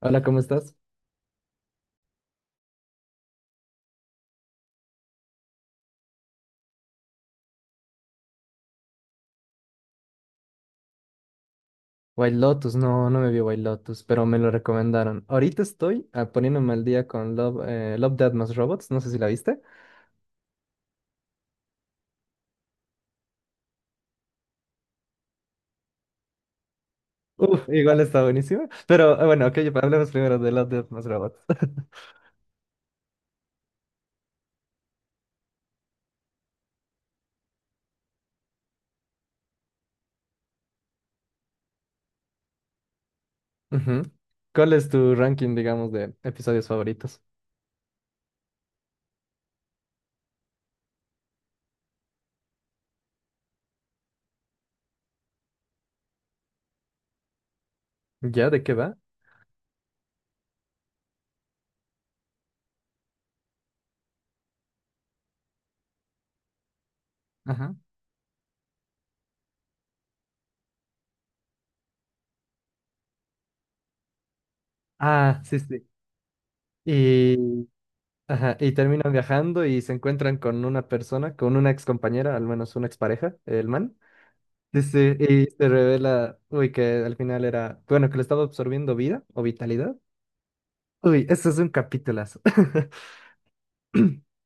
Hola, ¿cómo estás? White Lotus, no, no me vi White Lotus, pero me lo recomendaron. Ahorita estoy poniéndome al día con Love, Death Más Robots, no sé si la viste. Uf, igual está buenísima. Pero bueno, ok, hablemos primero de Love, Death Más Robots. Ujú. ¿Cuál es tu ranking, digamos, de episodios favoritos? ¿Ya? ¿De qué va? Ajá. Ah, sí, sí. Y, ajá, y terminan viajando y se encuentran con una persona, con una ex compañera, al menos una expareja, el man. Sí, sí, y se revela, uy, que al final era, bueno, que le estaba absorbiendo vida o vitalidad. Uy, eso es un capitulazo.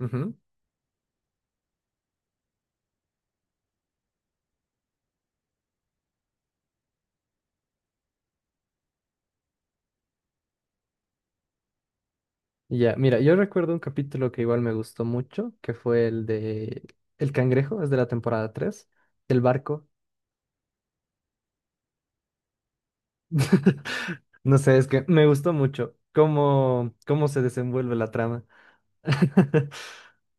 Ujú. Y ya, mira, yo recuerdo un capítulo que igual me gustó mucho, que fue el de El Cangrejo, es de la temporada 3 del barco. No sé, es que me gustó mucho cómo se desenvuelve la trama.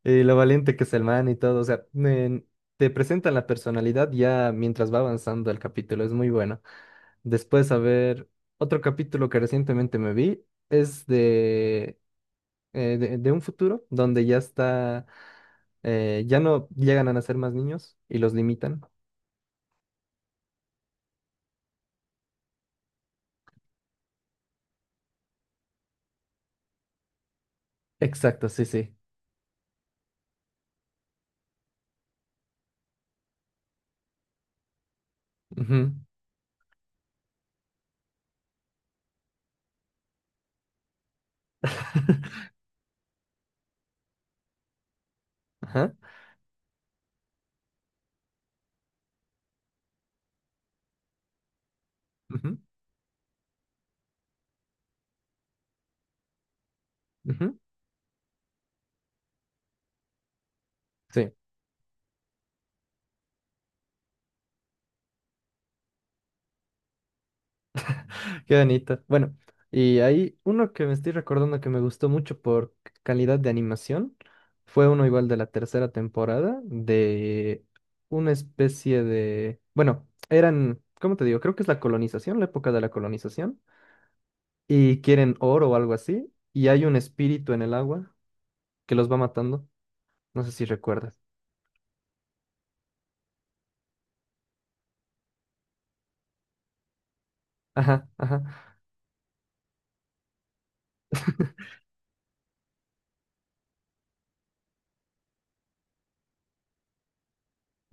Y lo valiente que es el man y todo. O sea, te presentan la personalidad ya mientras va avanzando el capítulo. Es muy bueno. Después, a ver, otro capítulo que recientemente me vi es de un futuro donde ya está, ya no llegan a nacer más niños y los limitan. Exacto, sí, sí. Ujú. Ajá. Ujú, ujú, sí. Qué bonito. Bueno, y hay uno que me estoy recordando que me gustó mucho por calidad de animación. Fue uno igual de la tercera temporada, de una especie de... Bueno, eran, ¿cómo te digo? Creo que es la colonización, la época de la colonización. Y quieren oro o algo así. Y hay un espíritu en el agua que los va matando. No sé si recuerdas. Ajá, ajá,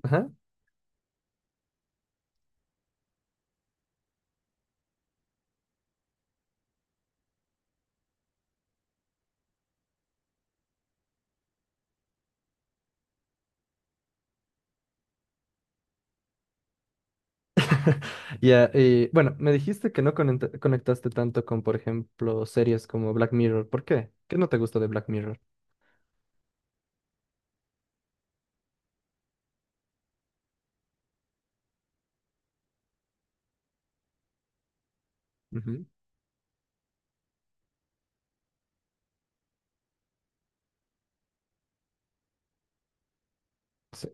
ajá. Ya, bueno, me dijiste que no conectaste tanto con, por ejemplo, series como Black Mirror. ¿Por qué? ¿Qué no te gustó de Black Mirror? Ujú, sí,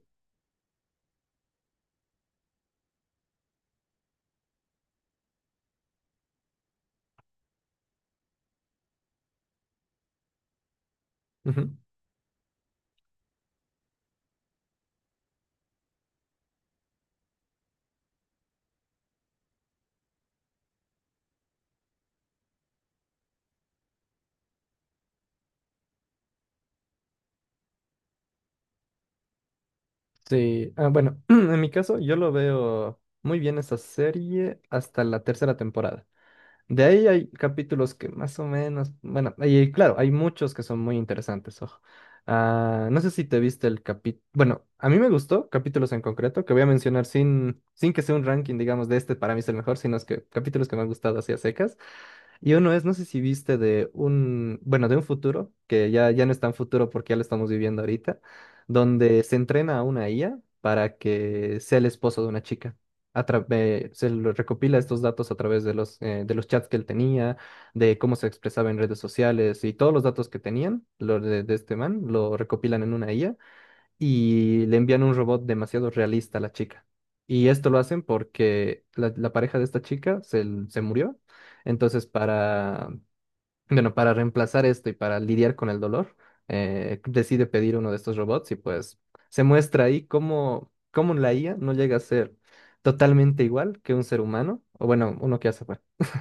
ujú. Sí, ah, bueno, en mi caso yo lo veo muy bien esa serie hasta la tercera temporada. De ahí hay capítulos que más o menos, bueno, y claro, hay muchos que son muy interesantes, ojo. Ah, no sé si te viste el capítulo, bueno, a mí me gustó capítulos en concreto que voy a mencionar sin que sea un ranking, digamos, de este para mí es el mejor, sino es que capítulos que me han gustado así a secas. Y uno es, no sé si viste de un, bueno, de un futuro, que ya no es tan futuro porque ya lo estamos viviendo ahorita, donde se entrena a una IA para que sea el esposo de una chica. Se lo recopila estos datos a través de los chats que él tenía, de cómo se expresaba en redes sociales y todos los datos que tenían, los de este man, lo recopilan en una IA y le envían un robot demasiado realista a la chica. Y esto lo hacen porque la pareja de esta chica se murió. Entonces, para, bueno, para reemplazar esto y para lidiar con el dolor, decide pedir uno de estos robots y pues se muestra ahí cómo la IA no llega a ser totalmente igual que un ser humano, o bueno, uno que hace fue.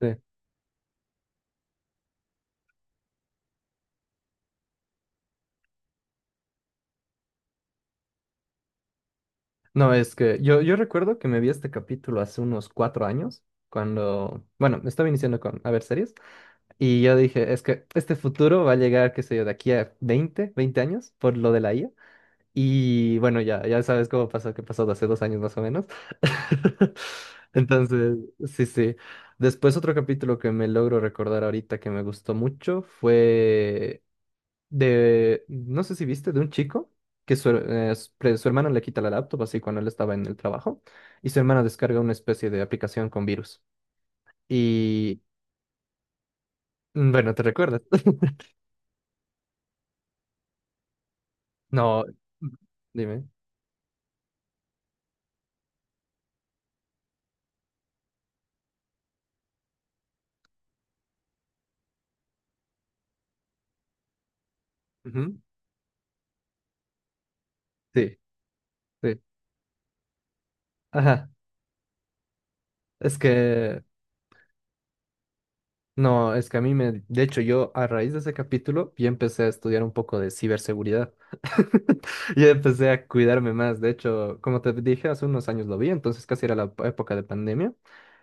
Sí. No, es que yo recuerdo que me vi este capítulo hace unos 4 años, cuando, bueno, estaba iniciando con a ver series, y yo dije, es que este futuro va a llegar, qué sé yo, de aquí a veinte años por lo de la IA. Y bueno, ya sabes cómo pasó, que pasó de hace 2 años más o menos. Entonces, sí, sí. Después otro capítulo que me logro recordar ahorita que me gustó mucho fue de, no sé si viste, de un chico que su hermano le quita la laptop así cuando él estaba en el trabajo y su hermano descarga una especie de aplicación con virus. Y bueno, ¿te recuerdas? No, dime. Ujú. Sí, sí. Ajá. Es que, No, es que a mí me, de hecho, yo a raíz de ese capítulo ya empecé a estudiar un poco de ciberseguridad. Ya empecé a cuidarme más. De hecho, como te dije, hace unos años lo vi, entonces casi era la época de pandemia.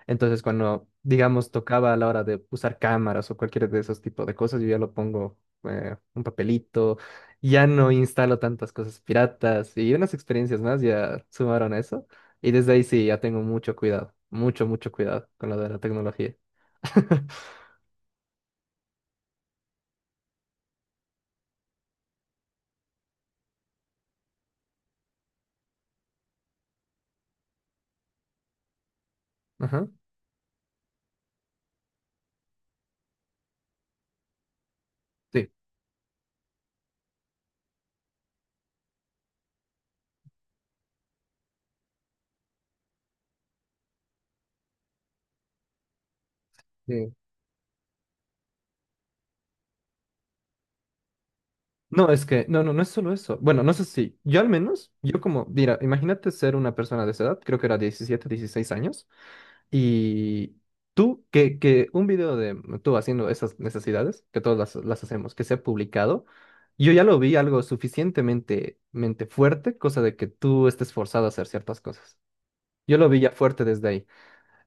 Entonces, cuando, digamos, tocaba a la hora de usar cámaras o cualquier de esos tipos de cosas, yo ya lo pongo un papelito, ya no instalo tantas cosas piratas y unas experiencias más ya sumaron a eso. Y desde ahí sí, ya tengo mucho cuidado, mucho, mucho cuidado con lo de la tecnología. Ajá, sí, sí. No, es que, no, no, no es solo eso. Bueno, no sé si, yo al menos, yo como, mira, imagínate ser una persona de esa edad, creo que era 17 16 años, y tú, que un video de tú haciendo esas necesidades, que todas las hacemos, que sea publicado, yo ya lo vi algo suficientemente mente fuerte, cosa de que tú estés forzado a hacer ciertas cosas. Yo lo vi ya fuerte desde ahí.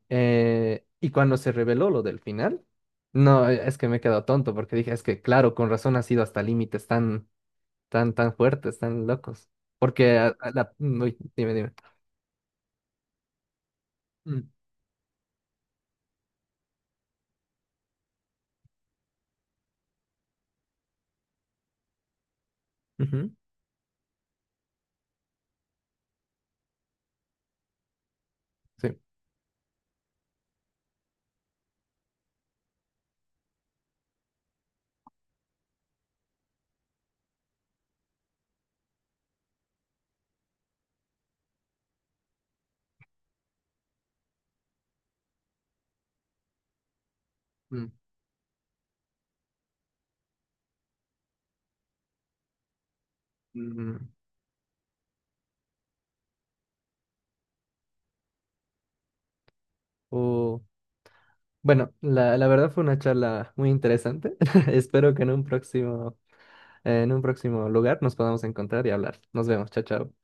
Y cuando se reveló lo del final, no, es que me he quedado tonto porque dije, es que claro, con razón ha sido hasta límites tan, tan, tan fuertes, tan locos. Porque Uy, dime, dime. Mm, ujú, sí. Mm, mm, oh, bueno, la verdad fue una charla muy interesante. Espero que en un próximo lugar nos podamos encontrar y hablar. Nos vemos, chao, chao.